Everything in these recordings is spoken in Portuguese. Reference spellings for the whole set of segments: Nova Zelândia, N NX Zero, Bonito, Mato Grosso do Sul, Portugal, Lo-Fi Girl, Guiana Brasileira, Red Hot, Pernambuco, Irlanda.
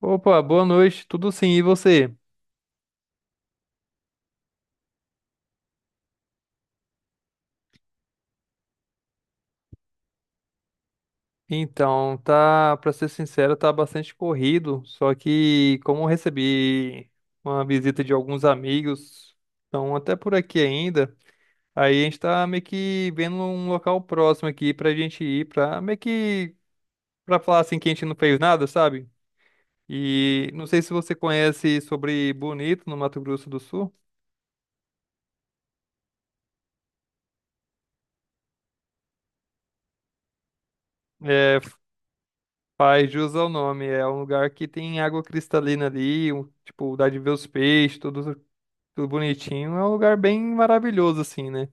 Opa, boa noite, tudo sim, e você? Então, tá, pra ser sincero, tá bastante corrido, só que como eu recebi uma visita de alguns amigos, estão até por aqui ainda, aí a gente tá meio que vendo um local próximo aqui pra gente ir, pra meio que, pra falar assim que a gente não fez nada, sabe? E não sei se você conhece sobre Bonito, no Mato Grosso do Sul. É. Faz jus ao nome, é um lugar que tem água cristalina ali, tipo, dá de ver os peixes, tudo, tudo bonitinho. É um lugar bem maravilhoso, assim, né?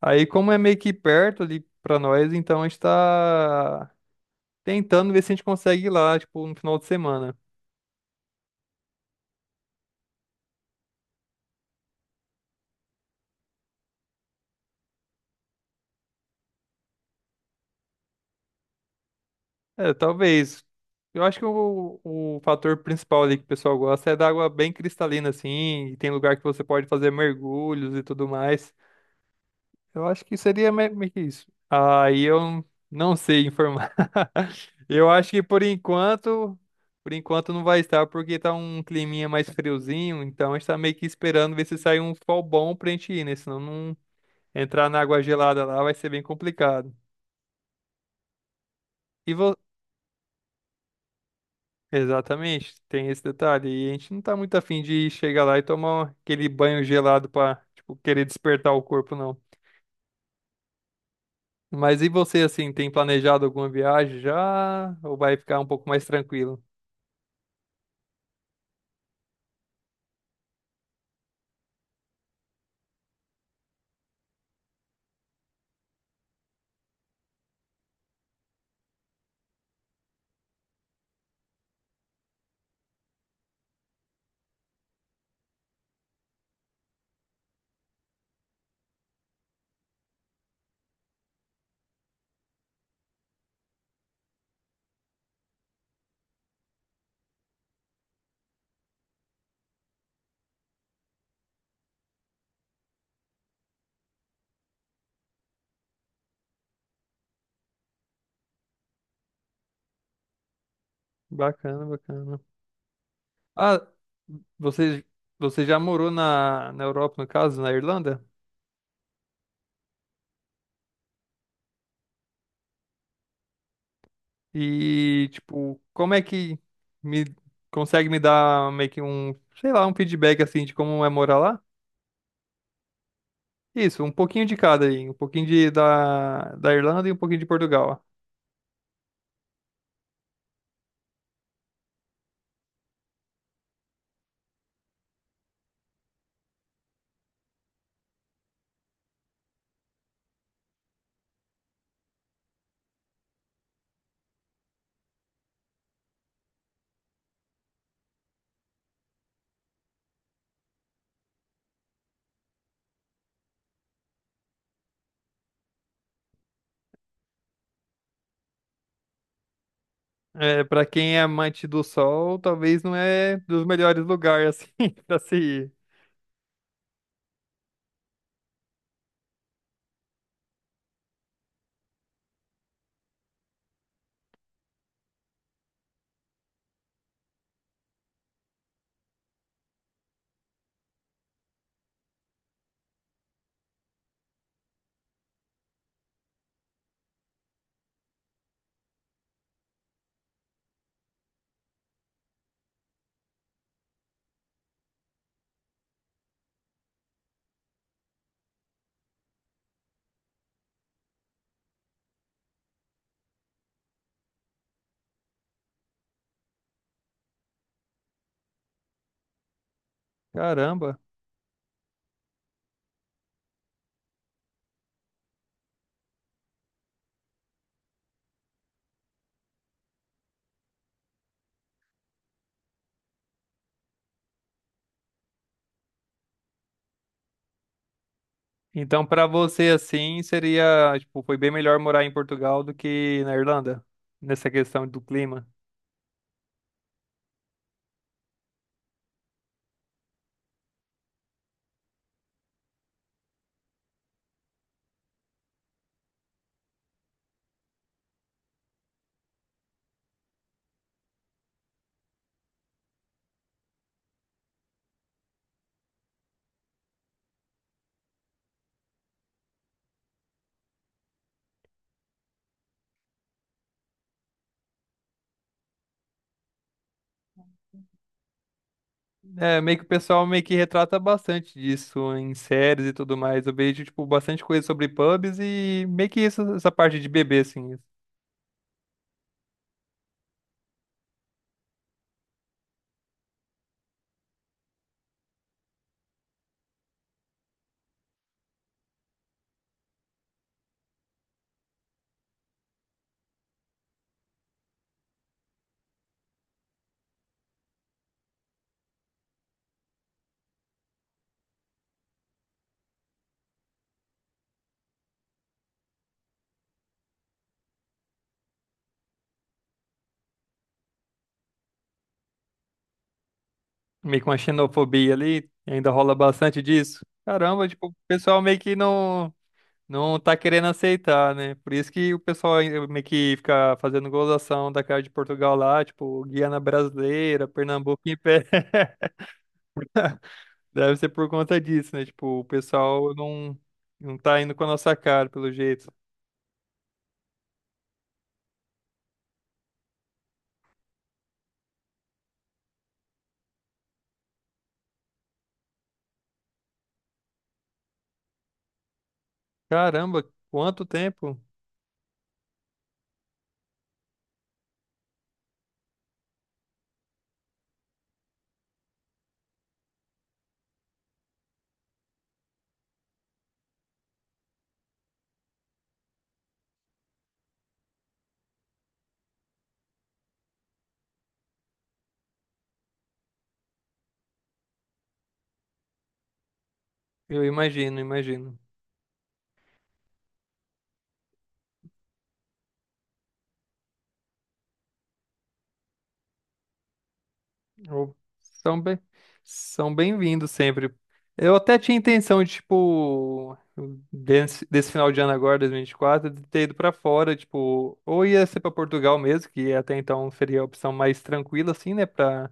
Aí, como é meio que perto ali pra nós, então a gente tá tentando ver se a gente consegue ir lá, tipo, no final de semana. É, talvez. Eu acho que o fator principal ali que o pessoal gosta é da água bem cristalina, assim, e tem lugar que você pode fazer mergulhos e tudo mais. Eu acho que seria meio que isso. Aí eu não sei informar. Eu acho que por enquanto não vai estar, porque tá um climinha mais friozinho, então a gente tá meio que esperando ver se sai um sol bom pra gente ir, né? Senão não entrar na água gelada lá vai ser bem complicado. E vo... Exatamente, tem esse detalhe. E a gente não tá muito afim de chegar lá e tomar aquele banho gelado pra, tipo, querer despertar o corpo, não. Mas e você, assim, tem planejado alguma viagem já? Ou vai ficar um pouco mais tranquilo? Bacana, bacana. Ah, você, você já morou na Europa, no caso, na Irlanda? E, tipo, como é que me consegue me dar meio que um, sei lá, um feedback assim de como é morar lá? Isso, um pouquinho de cada aí, um pouquinho da Irlanda e um pouquinho de Portugal. É, para quem é amante do sol, talvez não é dos melhores lugares assim para se ir. Caramba. Então, pra você, assim, seria, tipo, foi bem melhor morar em Portugal do que na Irlanda, nessa questão do clima. É, meio que o pessoal meio que retrata bastante disso em séries e tudo mais. Eu vejo, tipo, bastante coisa sobre pubs e meio que isso, essa parte de bebê, assim, meio que uma xenofobia ali, ainda rola bastante disso. Caramba, tipo, o pessoal meio que não. Não tá querendo aceitar, né? Por isso que o pessoal aí meio que fica fazendo gozação da cara de Portugal lá, tipo, Guiana Brasileira, Pernambuco em pé. Deve ser por conta disso, né? Tipo, o pessoal não, não tá indo com a nossa cara, pelo jeito. Caramba, quanto tempo? Eu imagino, imagino. Ou- São bem, são bem-vindos sempre. Eu até tinha intenção de, tipo, desse final de ano agora, dois mil e vinte e quatro de ter ido pra fora, tipo, ou ia ser pra Portugal mesmo, que até então seria a opção mais tranquila, assim, né, pra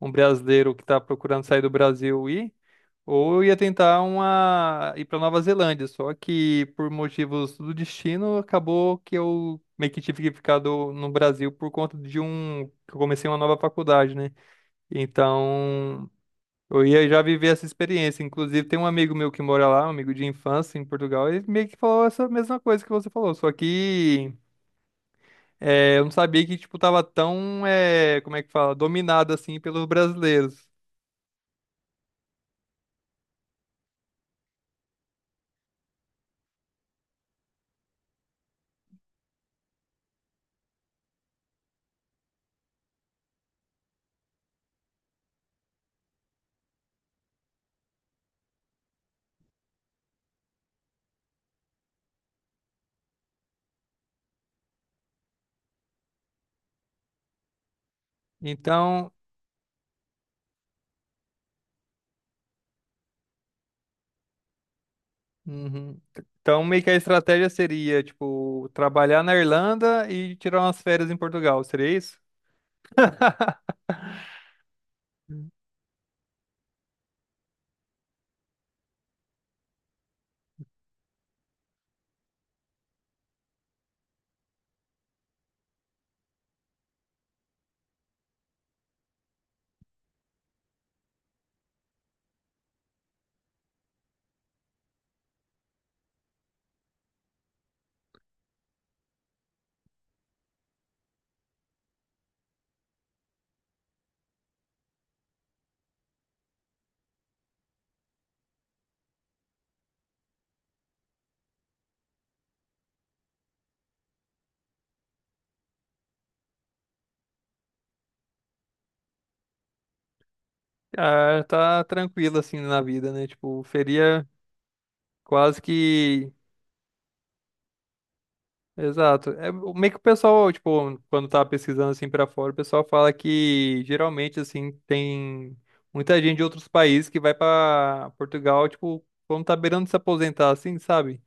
um brasileiro que tá procurando sair do Brasil ir, ou ia tentar uma, ir pra Nova Zelândia, só que por motivos do destino, acabou que eu meio que tive que ficar no Brasil por conta de um, que eu comecei uma nova faculdade, né? Então, eu ia já viver essa experiência. Inclusive, tem um amigo meu que mora lá, um amigo de infância em Portugal, ele meio que falou essa mesma coisa que você falou, só que é, eu não sabia que, tipo, tava tão, é, como é que fala, dominado, assim, pelos brasileiros. Então, uhum. Então, meio que a estratégia seria, tipo, trabalhar na Irlanda e tirar umas férias em Portugal, seria isso? Ah, tá tranquilo, assim, na vida, né? Tipo, seria quase que... Exato. É o- meio que o pessoal, tipo, quando tá pesquisando assim pra fora, o pessoal fala que geralmente assim tem muita gente de outros países que vai pra Portugal, tipo, quando tá beirando de se aposentar assim, sabe?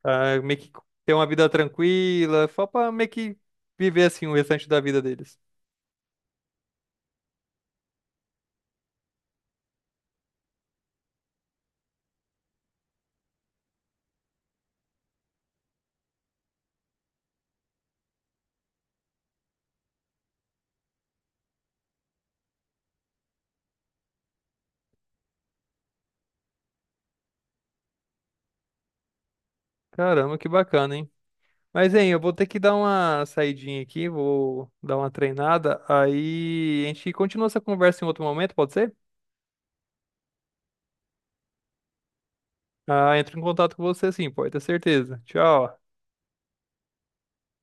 Pra meio que ter uma vida tranquila, só pra meio que viver assim o restante da vida deles. Caramba, que bacana, hein? Mas, hein, eu vou ter que dar uma saidinha aqui, vou dar uma treinada, aí a gente continua essa conversa em outro momento, pode ser? Ah, entro em contato com você sim, pode ter certeza. Tchau.